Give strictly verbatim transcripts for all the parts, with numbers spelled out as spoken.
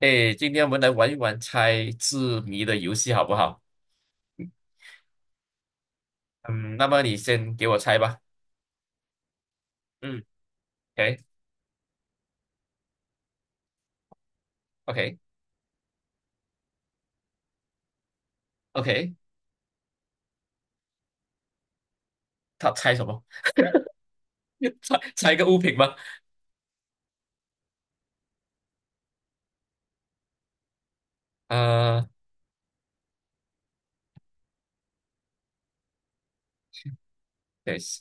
哎，今天我们来玩一玩猜字谜的游戏，好不好？嗯，那么你先给我猜吧。嗯，OK，OK，OK，他猜什么？猜猜一个物品吗？啊等一下，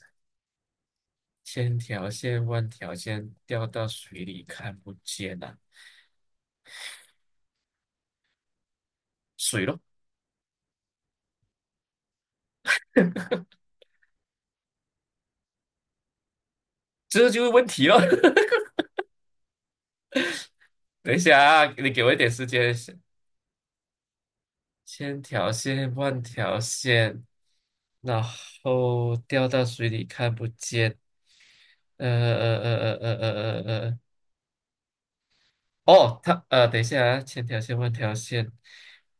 千条线万条线掉到水里看不见啊，水咯，这就是问题咯。等一下啊，你给我一点时间想。千条线万条线，然后掉到水里看不见。呃呃呃呃呃呃呃呃。哦，它呃，等一下啊，千条线万条线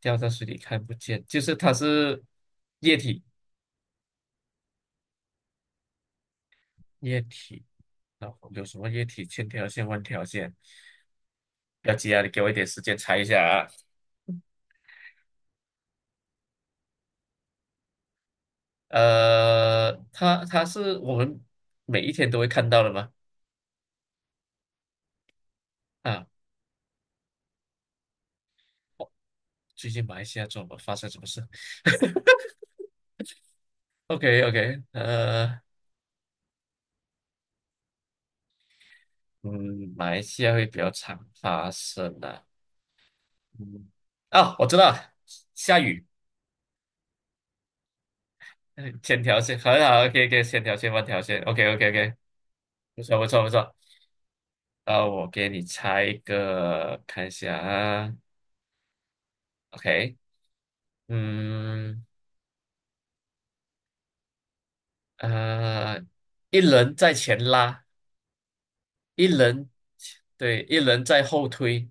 掉到水里看不见，就是它是液体，液体。然后有什么液体？千条线万条线，不要急啊，你给我一点时间猜一下啊。呃，它它是我们每一天都会看到的吗？啊，哦最近马来西亚怎么发生什么事 ？OK OK，呃，嗯，马来西亚会比较常发生的、嗯，啊，我知道了下雨。嗯千条线很好，OK OK，千条线万条线，OK OK OK，不错不错不错。呃，我给你猜一个，看一下啊，OK，嗯呃，一人在前拉，一人对，一人在后推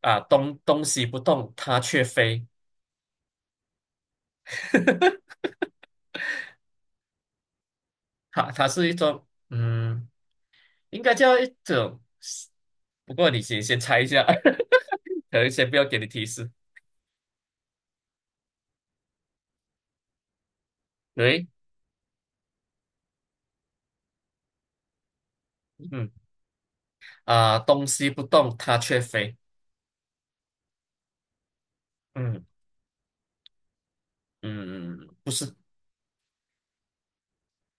啊，东东西不动，它却飞，它它是一种嗯，应该叫一种，不过你先先猜一下，可能先不要给你提示，对，嗯。啊、东西不动它却飞。嗯嗯，不是，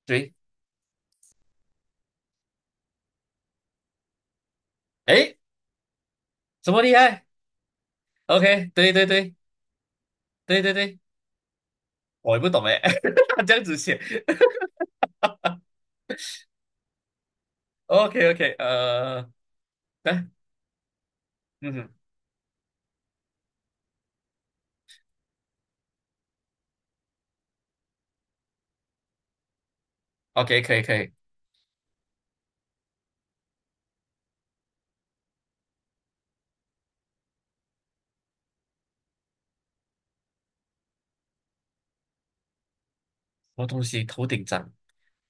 对，诶，这么厉害？OK，对对对对对对，我也不懂诶，他这样子写。OK OK，呃，啊，嗯，OK，可以可以。什么东西头顶长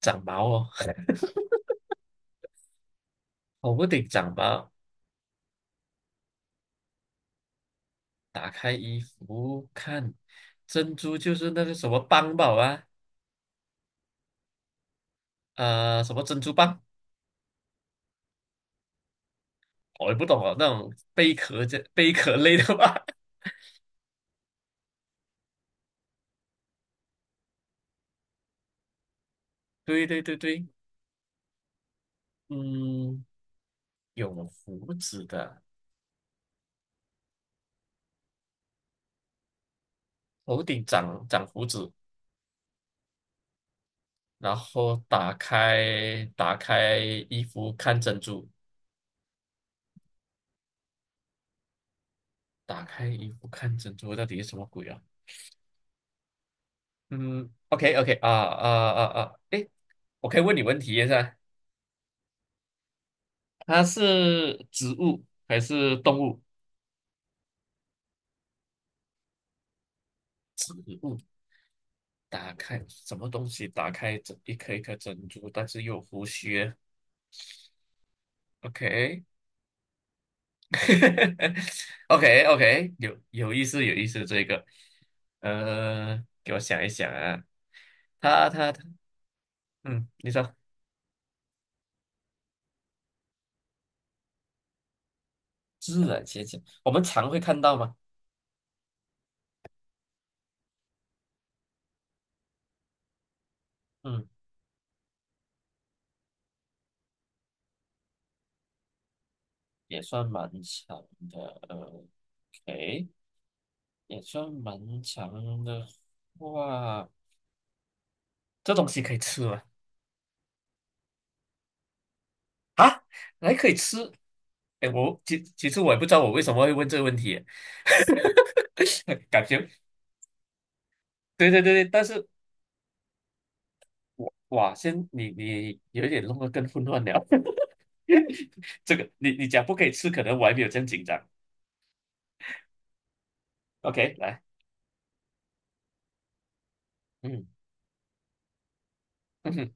长毛哦？头顶长毛，打开衣服看，珍珠就是那个什么邦宝啊，呃，什么珍珠蚌，我也不懂啊，那种贝壳这贝壳类的吧？对对对对，嗯，有胡子的，头顶长长胡子，然后打开打开衣服看珍珠，打开衣服看珍珠，到底是什么鬼啊？嗯，OK OK 啊啊啊啊，诶，我可以问你问题一下，它是植物还是动物？植物打开什么东西？打开这一颗一颗珍珠，但是又有胡须。OK，OK OK，有有意思有意思，这个，呃，给我想一想啊，他他他，嗯，你说自然现象，我们常会看到吗？嗯，也算蛮强的呃，OK，也算蛮强的哇，这东西可以吃吗？啊，还可以吃？哎，我其其实我也不知道我为什么会问这个问题，感觉对对对对，但是我哇，先你你有一点弄得更混乱了。这个你你讲不可以吃，可能我还没有这样紧张。OK，来，嗯嗯哼，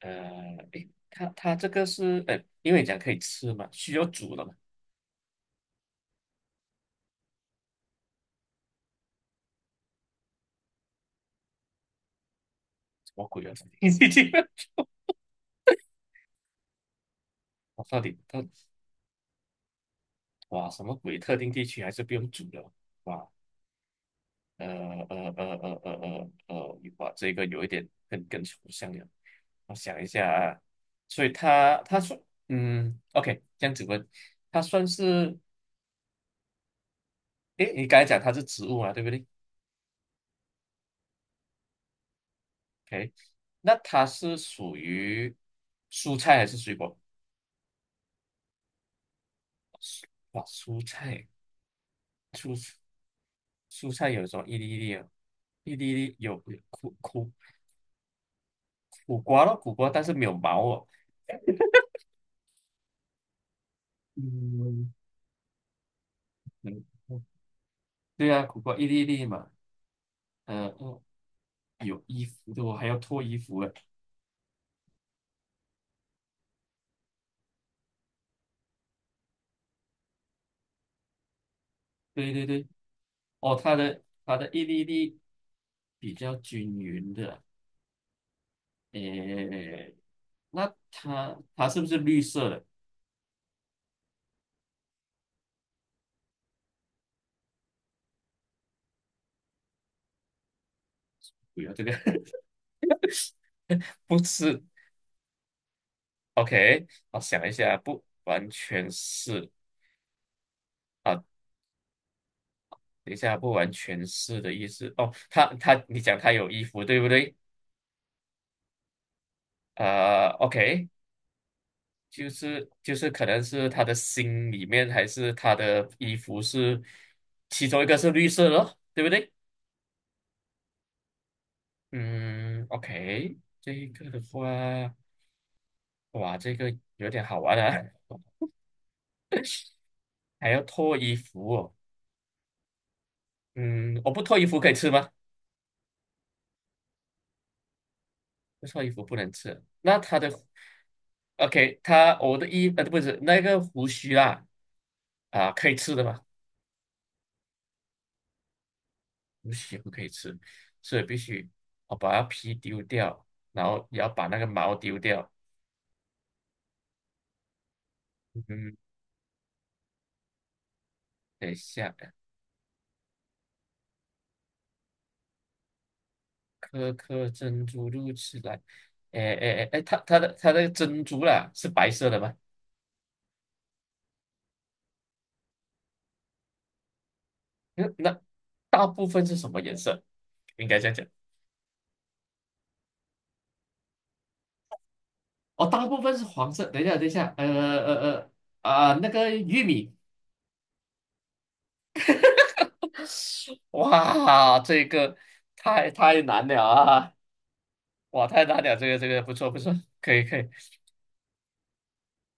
呃，诶，它它这个是，呃，因为你讲可以吃嘛，需要煮的嘛，什么鬼啊？我到底它哇什么鬼？特定地区还是不用煮的？哇，呃呃呃呃呃呃呃，哇，这个有一点更更抽象了。我想一下啊，所以它它说，嗯，OK，这样子问，它算是，诶，你刚才讲它是植物嘛，对不对？OK，那它是属于蔬菜还是水果？哇，蔬菜，蔬蔬菜有什么一粒一粒啊？一粒一粒有有苦苦苦瓜咯，苦瓜，但是没有毛哦。嗯嗯，嗯对啊，苦瓜一粒一粒嘛。嗯、呃、哦，有衣服的，我还要脱衣服诶。对对对，哦，它的它的一粒一粒比较均匀的。诶，那它它是不是绿色的？不要这个，不吃。OK，我想一下，不完全是啊，等一下，不完全是的意思哦。他他，你讲他有衣服，对不对？呃，OK，就是就是可能是他的心里面，还是他的衣服是其中一个是绿色的咯，对不对？嗯，OK，这个的话，哇，这个有点好玩啊，还要脱衣服哦。嗯，我不脱衣服可以吃吗？这臭衣服不能吃。那他的 OK，他我的衣呃不是那个胡须啦啊，可以吃的嘛？胡须不可以吃，所以必须我把它皮丢掉，然后也要把那个毛丢掉。嗯，等一下，颗颗珍珠露出来。哎哎哎哎，它它的它的珍珠啦是白色的吗？嗯那大部分是什么颜色？应该这样讲。哦，大部分是黄色。等一下，等一下，呃呃呃啊、那个玉米 哇，这个太太难了啊！哇，太难了，这个这个不错不错，可以可以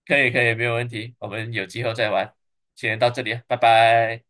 可以可以，没有问题，我们有机会再玩，先到这里啊，拜拜。